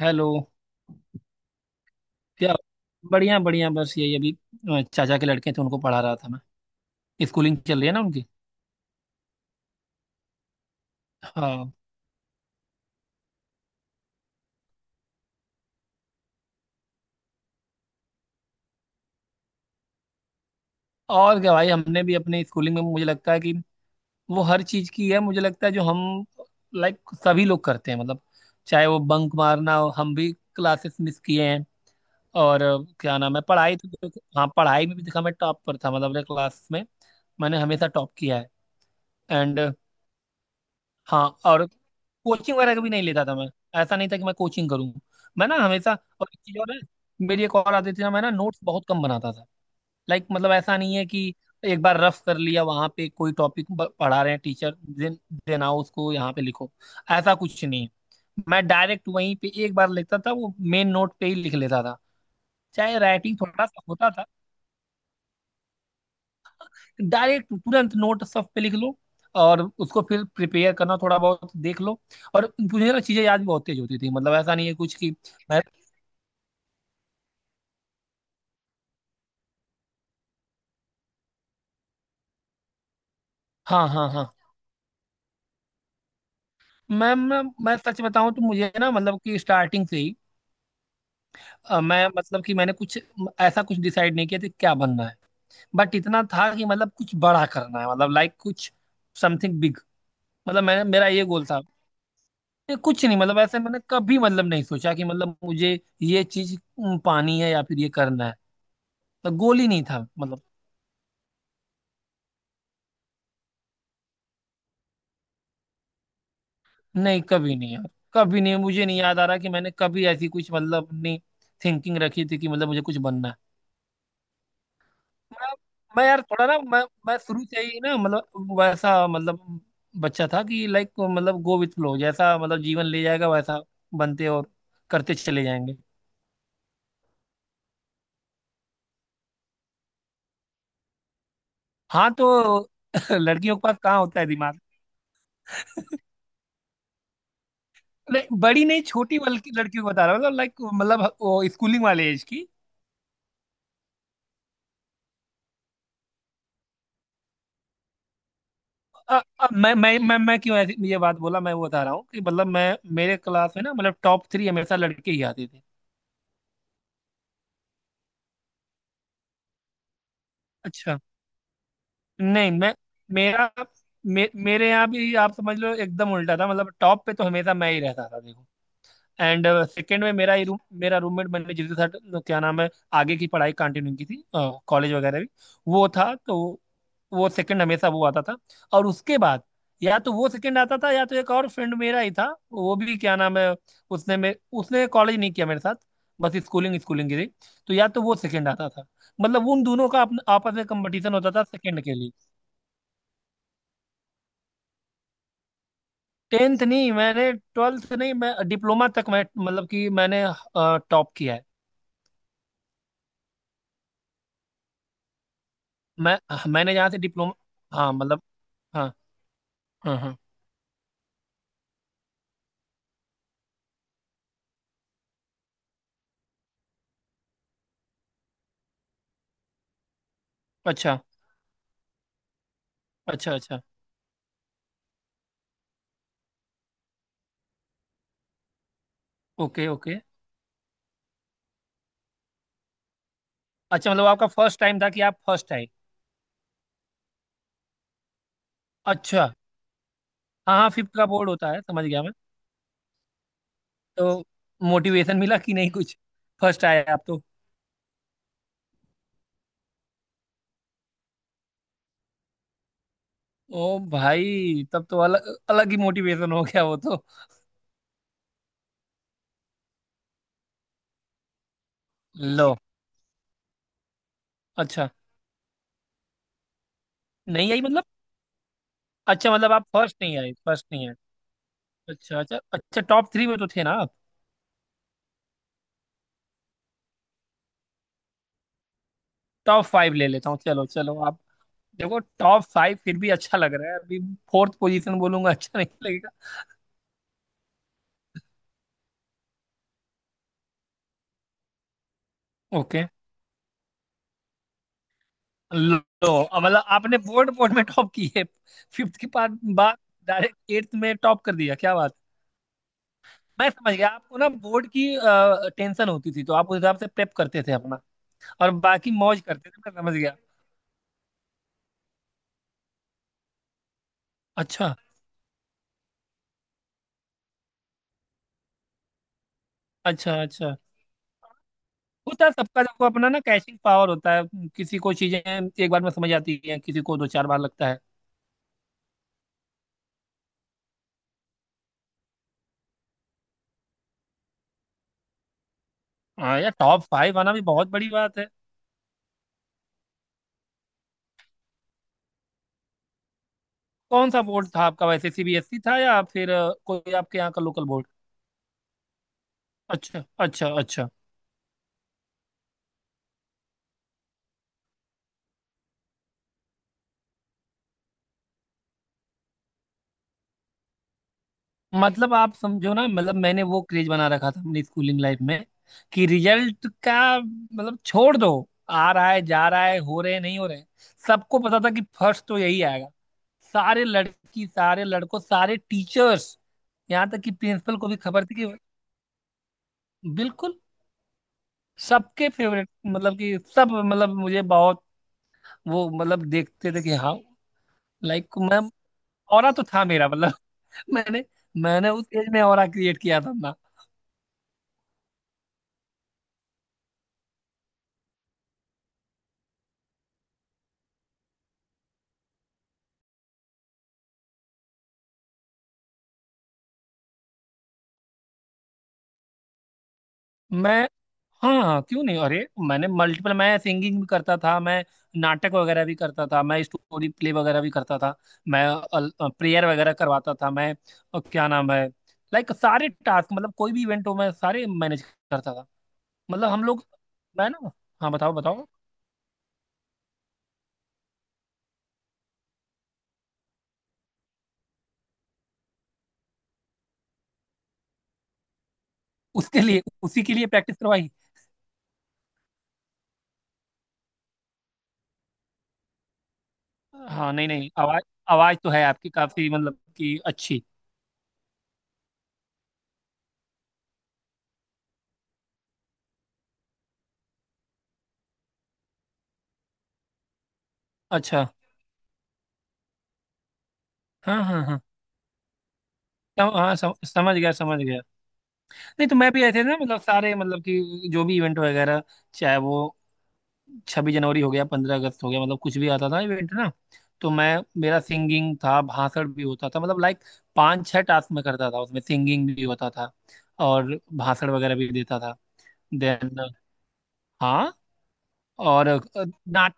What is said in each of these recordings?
Hello. क्या। बढ़िया बढ़िया, बस यही अभी। चाचा के लड़के थे, उनको पढ़ा रहा था मैं। स्कूलिंग चल रही है ना उनकी। हाँ। और क्या भाई, हमने भी अपने स्कूलिंग में मुझे लगता है कि वो हर चीज़ की है, मुझे लगता है जो हम लाइक सभी लोग करते हैं मतलब, चाहे वो बंक मारना हो, हम भी क्लासेस मिस किए हैं। और क्या नाम है, पढ़ाई तो। हाँ, पढ़ाई में भी देखा, मैं टॉप पर था मतलब अपने क्लास में। मैंने हमेशा टॉप किया है। एंड। हाँ और कोचिंग वगैरह कभी नहीं लेता था मैं। ऐसा नहीं था कि मैं कोचिंग करूँ। मैं ना हमेशा। और एक चीज और है। मेरी एक और आदत थी ना, मैं ना नोट्स बहुत कम बनाता था। लाइक मतलब ऐसा नहीं है कि एक बार रफ कर लिया वहां पे कोई टॉपिक, पढ़ा रहे हैं टीचर, देन देन आओ उसको यहाँ पे लिखो। ऐसा कुछ नहीं है। मैं डायरेक्ट वहीं पे एक बार लिखता था, वो मेन नोट पे ही लिख लेता था। चाहे राइटिंग थोड़ा सा होता था। डायरेक्ट तुरंत नोट सब पे लिख लो, और उसको फिर प्रिपेयर करना थोड़ा बहुत देख लो। और मुझे ना चीजें याद भी बहुत तेज होती थी, मतलब ऐसा नहीं है कुछ कि। मैं। हाँ हाँ हाँ। मैम, मैं सच बताऊं तो मुझे ना मतलब कि स्टार्टिंग से ही मैं मतलब कि मैंने कुछ, ऐसा कुछ डिसाइड नहीं किया था कि क्या बनना है। बट इतना था कि मतलब कुछ बड़ा करना है, मतलब लाइक कुछ, समथिंग बिग। मतलब मैंने मेरा ये गोल था। ये कुछ नहीं, मतलब ऐसे मैंने कभी मतलब नहीं सोचा कि मतलब मुझे ये चीज पानी है या फिर ये करना है। तो गोल ही नहीं था मतलब। नहीं, कभी नहीं यार। कभी नहीं, मुझे नहीं याद आ रहा कि मैंने कभी ऐसी कुछ मतलब अपनी थिंकिंग रखी थी कि मतलब मुझे कुछ बनना है। मैं मैं यार थोड़ा ना, मैं शुरू से ही ना मतलब वैसा मतलब बच्चा था कि लाइक मतलब गो विथ फ्लो जैसा, मतलब जीवन ले जाएगा वैसा बनते और करते चले जाएंगे। हाँ तो लड़कियों के पास कहाँ होता है दिमाग। नहीं बड़ी नहीं, छोटी, बल्कि लड़कियों को बता रहा हूँ, मतलब लाइक मतलब वो स्कूलिंग वाले एज की। मैं क्यों ऐसी ये बात बोला, मैं वो बता रहा हूँ कि मतलब मैं मेरे क्लास में ना मतलब टॉप थ्री हमेशा लड़के ही आते थे। अच्छा। नहीं मैं, मेरा, मेरे यहाँ भी आप समझ लो एकदम उल्टा था, मतलब टॉप पे तो हमेशा मैं ही रहता था देखो। एंड सेकेंड में मेरा ही रूम, मेरा रूममेट, मैंने जिसके साथ तो क्या नाम है आगे की पढ़ाई कंटिन्यू की थी, कॉलेज वगैरह भी, वो था। तो वो सेकंड हमेशा वो आता था। और उसके बाद या तो वो सेकंड आता था या तो एक और फ्रेंड मेरा ही था, वो भी क्या नाम है, उसने में उसने कॉलेज नहीं किया मेरे साथ, बस स्कूलिंग स्कूलिंग की थी। तो या तो वो सेकंड आता था, मतलब उन दोनों का आपस में कंपटीशन होता था सेकंड के लिए। 10th नहीं, मैंने 12th नहीं, मैं डिप्लोमा तक मैं मतलब कि मैंने टॉप किया है। मैं हाँ, मैंने यहाँ से डिप्लोमा। हाँ मतलब, हाँ हाँ हाँ। अच्छा अच्छा अच्छा। Okay okay. अच्छा मतलब आपका फर्स्ट टाइम था कि आप फर्स्ट आए। अच्छा। हाँ हाँ, फिफ्थ का बोर्ड होता है, समझ गया मैं। तो मोटिवेशन मिला कि नहीं कुछ, फर्स्ट आए आप तो। ओ भाई, तब तो अलग अलग ही मोटिवेशन हो गया वो तो। लो। अच्छा, नहीं आई मतलब, अच्छा मतलब आप फर्स्ट नहीं आए, फर्स्ट नहीं आए। अच्छा अच्छा अच्छा, टॉप थ्री में तो थे ना आप। टॉप फाइव ले लेता हूँ, चलो चलो आप। देखो, टॉप फाइव फिर भी अच्छा लग रहा है अभी। फोर्थ पोजीशन बोलूंगा, अच्छा नहीं लगेगा। ओके। लो। अब मतलब आपने बोर्ड बोर्ड में टॉप की है, फिफ्थ के बाद बाद डायरेक्ट एट्थ में टॉप कर दिया, क्या बात है। मैं समझ गया, आपको ना बोर्ड की टेंशन होती थी तो आप उस हिसाब से प्रेप करते थे अपना, और बाकी मौज करते थे, मैं समझ गया। अच्छा अच्छा अच्छा, होता है सबका, देखो अपना ना कैचिंग पावर होता है, किसी को चीजें एक बार में समझ आती है, किसी को दो चार बार लगता है। हाँ यार, टॉप फाइव आना भी बहुत बड़ी बात है। कौन सा बोर्ड था आपका वैसे, सीबीएसई था या फिर कोई आपके यहाँ का लोकल बोर्ड। अच्छा अच्छा अच्छा, मतलब आप समझो ना, मतलब मैंने वो क्रेज बना रखा था अपनी स्कूलिंग लाइफ में कि रिजल्ट का मतलब छोड़ दो, आ रहा है जा रहा है, हो रहे हैं, नहीं हो रहे हैं। सबको पता था कि फर्स्ट तो यही आएगा, सारे लड़की सारे लड़कों सारे टीचर्स, यहाँ तक कि प्रिंसिपल को भी खबर थी कि। बिल्कुल, सबके फेवरेट मतलब कि सब, मतलब मुझे बहुत वो, मतलब देखते थे कि हाँ लाइक मैं, ऑरा तो था मेरा मतलब। मैंने, मैंने उस एज में ऑरा क्रिएट किया था अपना। मैं, हाँ क्यों नहीं, अरे मैंने मल्टीपल, मैं सिंगिंग भी करता था, मैं नाटक वगैरह भी करता था, मैं स्टोरी प्ले वगैरह भी करता था, मैं प्रेयर वगैरह करवाता था, मैं क्या नाम है, लाइक सारे टास्क, मतलब कोई भी इवेंट हो मैं सारे मैनेज करता था, मतलब हम लोग, मैं ना। हाँ बताओ बताओ। उसके लिए उसी के लिए प्रैक्टिस करवाई। हाँ नहीं नहीं, आवाज, आवाज तो है आपकी काफी, मतलब कि अच्छी। अच्छा, हाँ हाँ हाँ, समझ गया, समझ गया। नहीं तो मैं भी ऐसे ना, मतलब सारे, मतलब कि जो भी इवेंट वगैरह, चाहे वो 26 जनवरी हो गया, 15 अगस्त हो गया, मतलब कुछ भी आता था इवेंट ना, तो मैं, मेरा सिंगिंग था, भाषण भी होता था, मतलब लाइक पांच छह टास्क मैं करता था, उसमें सिंगिंग भी होता था और भाषण वगैरह भी देता था। देन, हाँ। और नाट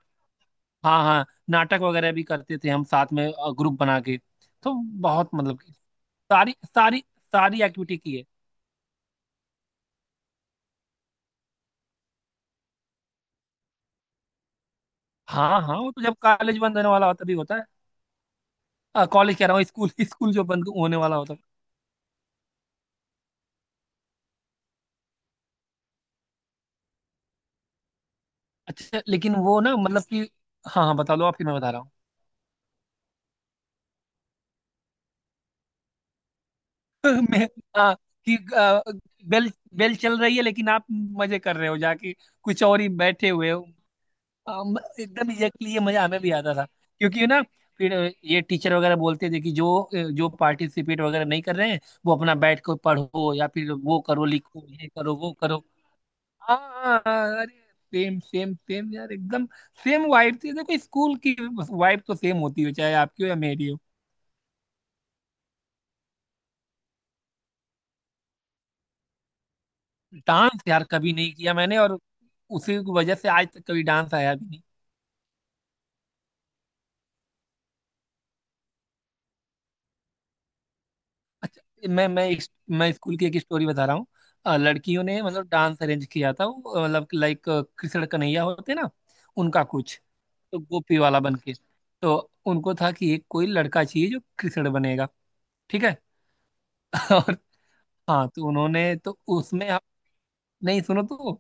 हाँ हाँ, नाटक वगैरह भी करते थे हम साथ में, ग्रुप बना के। तो बहुत मतलब कि सारी सारी सारी एक्टिविटी की है। हाँ हाँ, वो तो जब कॉलेज बंद होने वाला होता तभी होता है, कॉलेज कह रहा हूँ स्कूल, स्कूल जो बंद होने वाला होता है। अच्छा, लेकिन वो ना मतलब कि, हाँ हाँ बता लो आप, फिर मैं बता रहा हूँ। मैं, हाँ, कि बेल, बेल चल रही है लेकिन आप मजे कर रहे हो जाके, कुछ और ही बैठे हुए हो। एकदम एग्जैक्टली, ये मजा हमें भी आता था क्योंकि ना फिर ये टीचर वगैरह बोलते थे कि जो जो पार्टिसिपेट वगैरह नहीं कर रहे हैं, वो अपना बैठ कर पढ़ो या फिर वो करो, लिखो, ये करो वो करो। हाँ हाँ, हाँ, अरे, सेम सेम सेम यार, एकदम सेम वाइब थी देखो स्कूल की, वाइब तो सेम होती है चाहे आपकी हो या मेरी हो। डांस यार कभी नहीं किया मैंने, और उसी की वजह से आज तक कभी डांस आया भी नहीं। अच्छा, मैं मैं स्कूल की एक स्टोरी बता रहा हूँ। लड़कियों ने मतलब डांस अरेंज किया था वो, मतलब लाइक कृष्ण कन्हैया होते ना, उनका कुछ, तो गोपी वाला बन के, तो उनको था कि एक कोई लड़का चाहिए जो कृष्ण बनेगा। ठीक है। और हाँ तो उन्होंने तो उसमें, नहीं सुनो तो,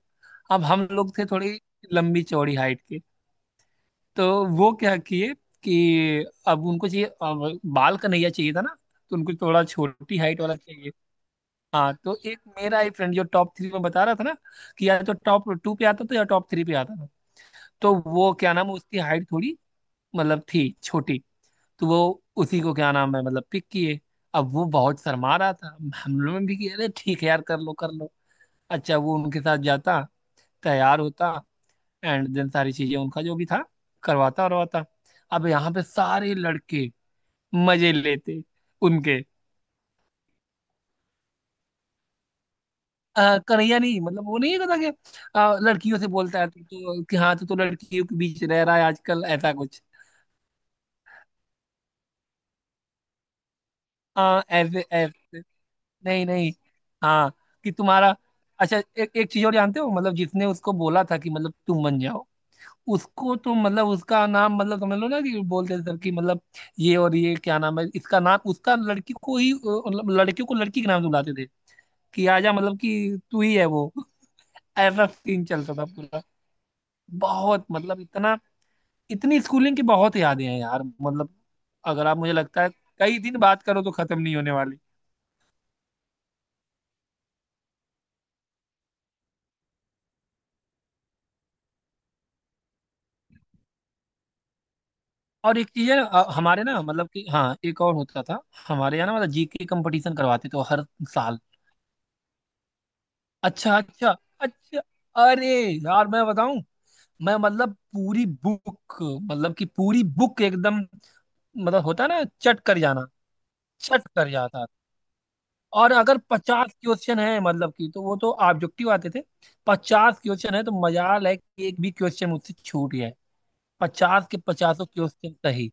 अब हम लोग थे थोड़ी लंबी चौड़ी हाइट के, तो वो क्या किए कि अब उनको चाहिए, अब बाल कन्हैया चाहिए था ना, तो उनको थोड़ा छोटी हाइट वाला चाहिए। हाँ तो एक मेरा ही फ्रेंड जो टॉप थ्री में बता रहा था ना, कि या तो टॉप टू पे आता था या टॉप थ्री पे आता था, तो वो क्या नाम है, उसकी हाइट थोड़ी, मतलब थी छोटी, तो वो उसी को क्या नाम है, मतलब पिक किए। अब वो बहुत शर्मा रहा था, हम लोगों ने भी किया अरे ठीक है यार, कर लो कर लो। अच्छा, वो उनके साथ जाता, तैयार होता, एंड देन सारी चीजें उनका जो भी था करवाता करवाता। अब यहाँ पे सारे लड़के मजे लेते उनके। कन्हैया नहीं, मतलब वो नहीं कहता कि लड़कियों से बोलता है तू तो, कि हाँ तू तो लड़कियों के बीच रह रहा है आजकल, ऐसा कुछ। हाँ ऐसे ऐसे, नहीं नहीं, हाँ, कि तुम्हारा, अच्छा एक एक चीज और जानते हो, मतलब जिसने उसको बोला था कि मतलब तुम बन जाओ, उसको तो मतलब उसका नाम, मतलब समझ लो ना कि बोलते थे सर कि मतलब ये, और ये क्या नाम है, इसका नाम उसका लड़की को ही, मतलब लड़कियों को लड़की के नाम से बुलाते थे कि आजा मतलब कि तू ही है वो। ऐसा सीन चलता था पूरा, बहुत मतलब इतना, इतनी स्कूलिंग की बहुत यादें हैं यार मतलब, अगर आप मुझे लगता है कई दिन बात करो तो खत्म नहीं होने वाली। और एक चीज है, हमारे ना मतलब कि हाँ एक और होता था, हमारे यहाँ ना मतलब जीके कंपटीशन करवाते थे हर साल। अच्छा अच्छा अच्छा, अरे यार मैं बताऊं, मैं मतलब पूरी बुक, मतलब कि पूरी बुक एकदम, मतलब होता है ना चट कर जाना, चट कर जाता था। और अगर 50 क्वेश्चन है मतलब कि, तो वो तो ऑब्जेक्टिव आते थे, 50 क्वेश्चन है तो मजाल है कि एक भी क्वेश्चन मुझसे छूट गया है। 50 के पचासों क्वेश्चन सही,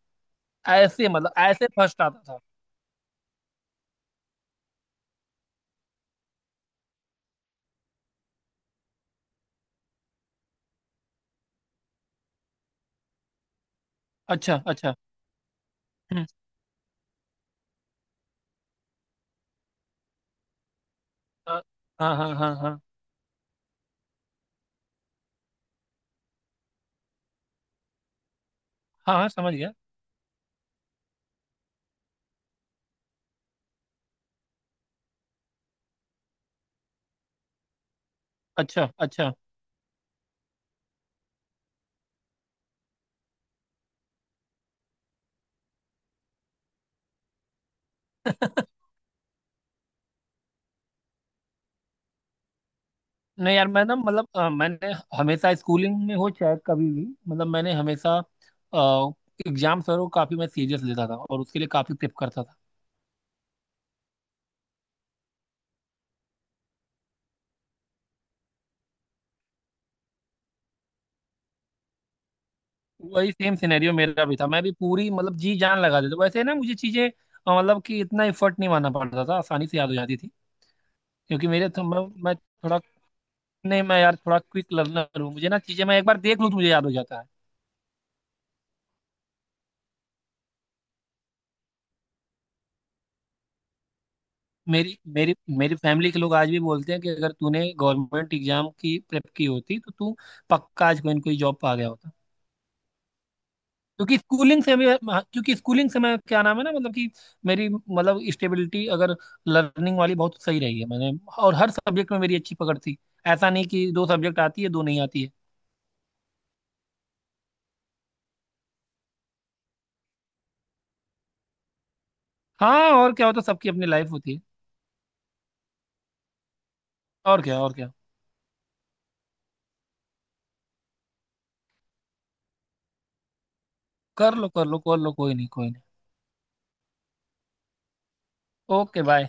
ऐसे मतलब ऐसे फर्स्ट आता था। अच्छा अच्छा, हम्म, हाँ हाँ हाँ हाँ हाँ हाँ हाँ, समझ गया, अच्छा अच्छा। नहीं यार, मैं ना मतलब मैंने हमेशा स्कूलिंग में हो चाहे कभी भी, मतलब मैंने हमेशा एग्जाम सर को काफी मैं सीरियस लेता था और उसके लिए काफी प्रेप करता था। वही सेम सिनेरियो मेरा भी था, मैं भी पूरी मतलब जी जान लगा देता, वैसे ना मुझे चीजें मतलब कि इतना एफर्ट नहीं मानना पड़ता था, आसानी से याद हो जाती थी। क्योंकि मेरे तो मैं थोड़ा, नहीं मैं यार थोड़ा क्विक लर्नर हूँ, मुझे ना चीजें मैं एक बार देख लूँ तो मुझे याद हो जाता है। मेरी मेरी मेरी फैमिली के लोग आज भी बोलते हैं कि अगर तूने गवर्नमेंट एग्जाम की प्रेप की होती तो तू पक्का आज कोई ना कोई जॉब पा गया होता। क्योंकि स्कूलिंग से मैं क्योंकि स्कूलिंग से मैं क्या नाम है ना मतलब कि मेरी मतलब स्टेबिलिटी अगर लर्निंग वाली बहुत सही रही है मैंने, और हर सब्जेक्ट में मेरी अच्छी पकड़ थी, ऐसा नहीं कि दो सब्जेक्ट आती है दो नहीं आती है। हाँ और क्या होता है, सबकी अपनी लाइफ होती है। और क्या और क्या। कर लो कर लो कर लो, कोई नहीं कोई नहीं। Okay bye.